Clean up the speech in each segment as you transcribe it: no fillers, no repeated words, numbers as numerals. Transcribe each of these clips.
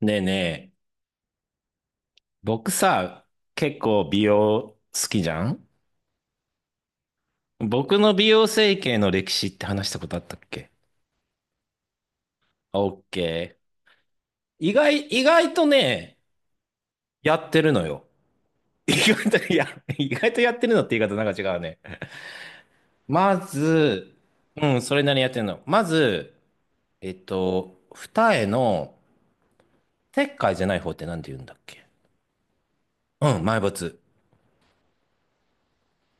ねえねえ、僕さ、結構美容好きじゃん。僕の美容整形の歴史って話したことあったっけ？オッケー。意外とね、やってるのよ。意外と、いや、意外とやってるのって言い方なんか違うね。まず、うん、それなりにやってるの。まず、二重の切開じゃない方ってなんて言うんだっけ？うん、埋没。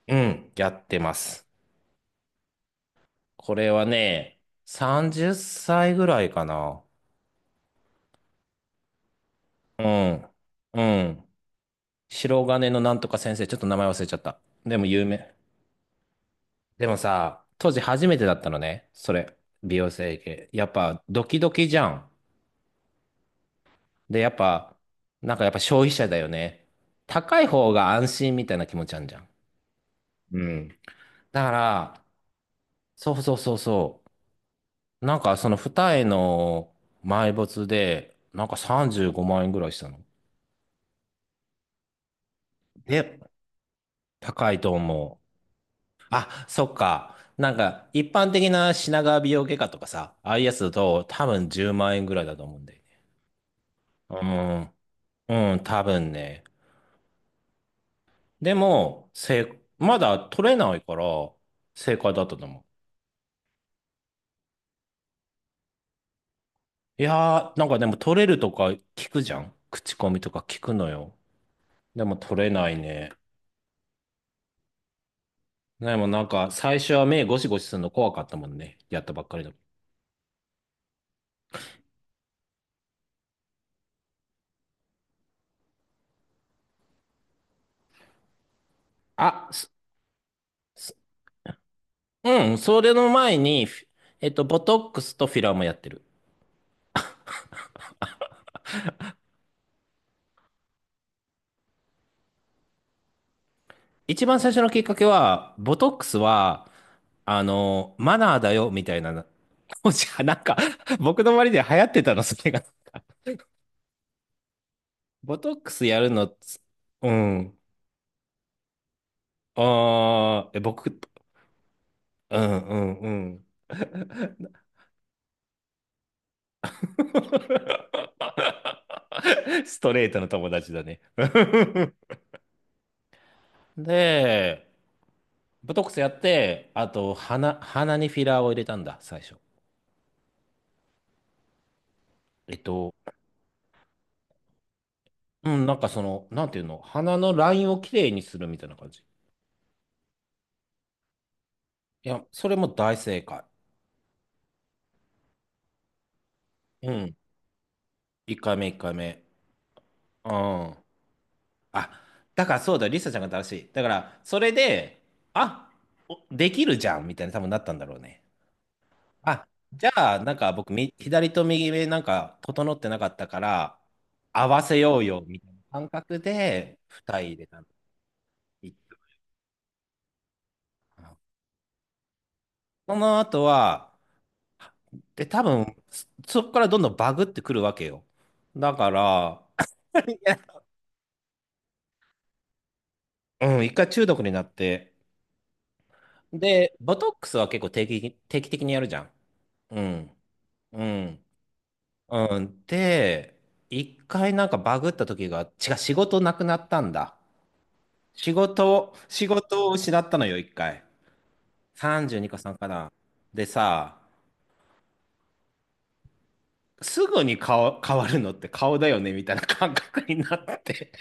うん、やってます。これはね、30歳ぐらいかな。うん。うん。白金のなんとか先生、ちょっと名前忘れちゃった。でも有名。でもさ、当時初めてだったのね。それ。美容整形。やっぱドキドキじゃん。で、やっぱ、なんかやっぱ消費者だよね。高い方が安心みたいな気持ちあんじゃん。うん。だから、そうそうそうそう。なんかその二重の埋没で、なんか35万円ぐらいしたの。で、高いと思う。あ、そっか。なんか、一般的な品川美容外科とかさ、ああいうやつだと多分10万円ぐらいだと思うんだよね。うん。うん、多分ね。でも、まだ取れないから、正解だったと思う。いやー、なんかでも取れるとか聞くじゃん。口コミとか聞くのよ。でも取れないね。でもなんか、最初は目ゴシゴシするの怖かったもんね。やったばっかりの。あ、すうん、それの前に、ボトックスとフィラーもやってる。一番最初のきっかけは、ボトックスは、マナーだよ、みたいな。当時はなんか、僕の周りで流行ってたの、それが。ボトックスやるのつ、うん。ああ、え、僕、うんうんうん。ストレートの友達だね。で、ボトックスやって、あと、鼻にフィラーを入れたんだ、最初。えっと、うん、なんかその、なんていうの、鼻のラインをきれいにするみたいな感じ。いや、それも大正解。うん。1回目、1回目。うん。あ、だからそうだ、リサちゃんが正しい。だから、それで、あ、おできるじゃんみたいな、多分なったんだろうね。あ、じゃあ、なんか僕、左と右目なんか整ってなかったから、合わせようよ、みたいな感覚で、二重入れたの。いいかな。その後は、で、多分、そこからどんどんバグってくるわけよ。だから、うん、一回中毒になって。で、ボトックスは結構定期的にやるじゃん。うん。うん。うん。で、一回なんかバグった時が、違う、仕事なくなったんだ。仕事を失ったのよ、一回。32個さんかな。でさ、すぐに顔、変わるのって顔だよね、みたいな感覚になって。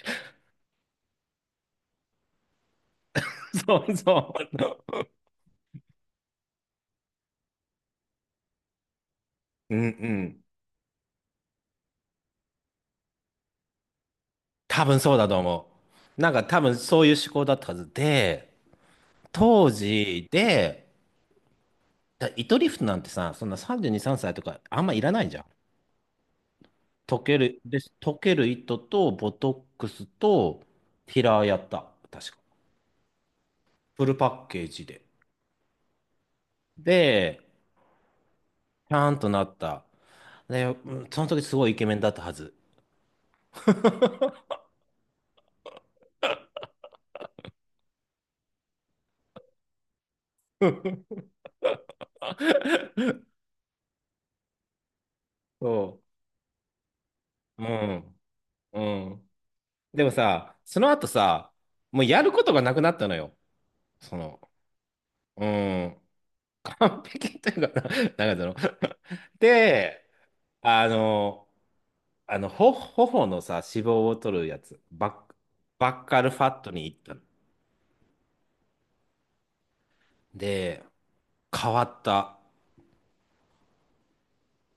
そうそう。うんうん。多分そうだと思う。なんか多分そういう思考だったはずで、当時で、糸リフトなんてさ、そんな32、3歳とかあんまいらないじゃん。溶ける糸とボトックスと平やった。確か。フルパッケージで。で、ちゃんとなった。で、うんその時すごいイケメンだったはず。そう。うん。うん。でもさ、その後さ、もうやることがなくなったのよ。その、うん。完璧というかな、なんかその で、あの、頬のさ、脂肪を取るやつ、バッカルファットに行ったの。で、変わった。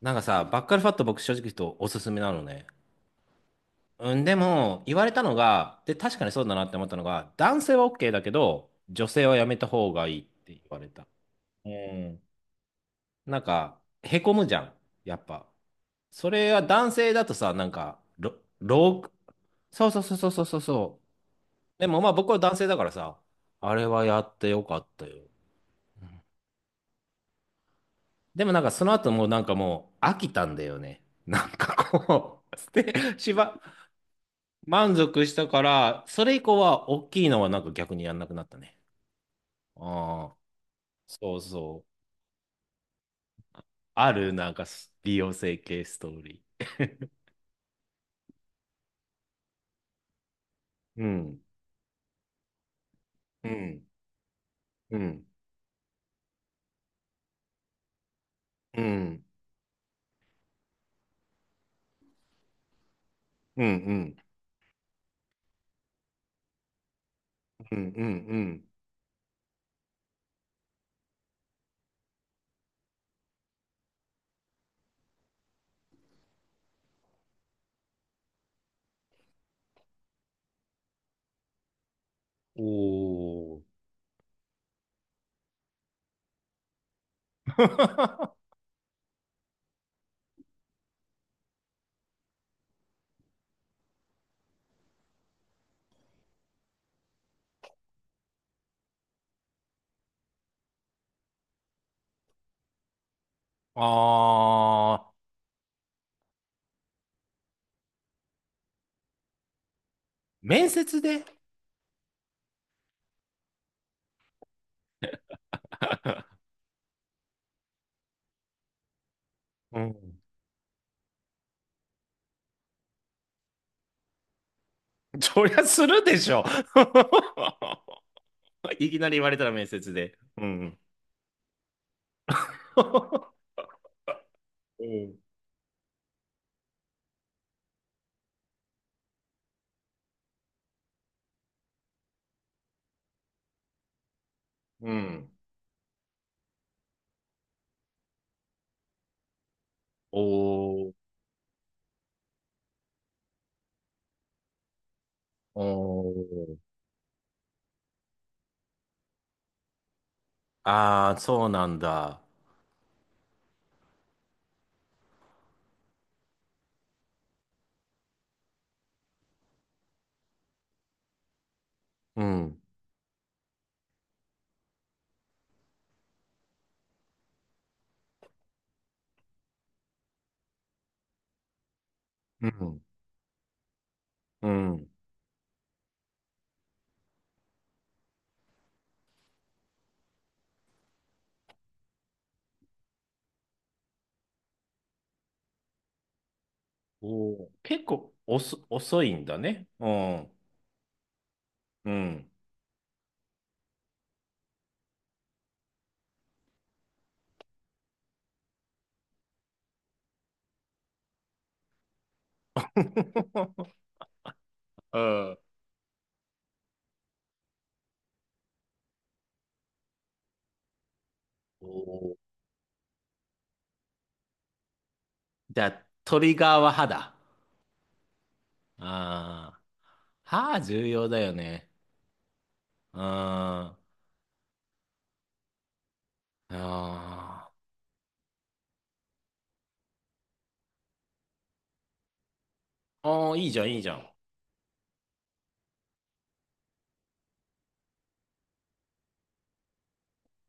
なんかさ、バッカルファット僕正直言うとおすすめなのね。うん、でも、言われたのが、で、確かにそうだなって思ったのが、男性は OK だけど、女性はやめた方がいいって言われた。うん。なんか、へこむじゃん。やっぱ。それは男性だとさ、なんか、そうそうそうそうそうそうそう。でもまあ僕は男性だからさ、あれはやってよかったよ。でもなんかその後もうなんかもう飽きたんだよね。なんかこう、捨て、しば、満足したから、それ以降は大きいのはなんか逆にやんなくなったね。ああ、そうそう。あるなんか美容整形ストーリー。うん、うん、うん、うん、うん、うん、うん、うん。うん。おー。 ああ、面接で？うん。そりゃするでしょ。いきなり言われたら面接で。うん。うん。うん。おー。おー。ああ、そうなんだ。うん。うん。うん。おー。結構遅いんだね。うん。うん。うん。おー。じゃあ、トリガーは歯だ。ああ、歯重要だよね。あー、あー。ああ、いいじゃん、いいじゃん。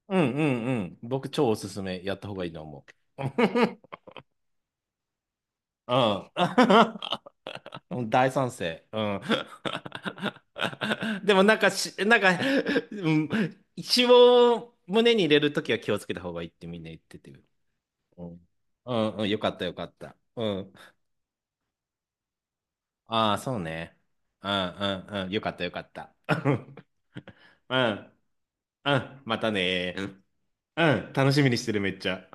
うんうんうん。僕、超おすすめ。やった方がいいと思う。うん。大賛成。うん。でもなんかなんか、うん、一応胸に入れるときは気をつけた方がいいってみんな言ってて。うん。うん、うん、よかったよかった。うん。ああ、そうね。うんうんうん。よかったよかった。うん。うん。うん、またね。うん、楽しみにしてるめっちゃ。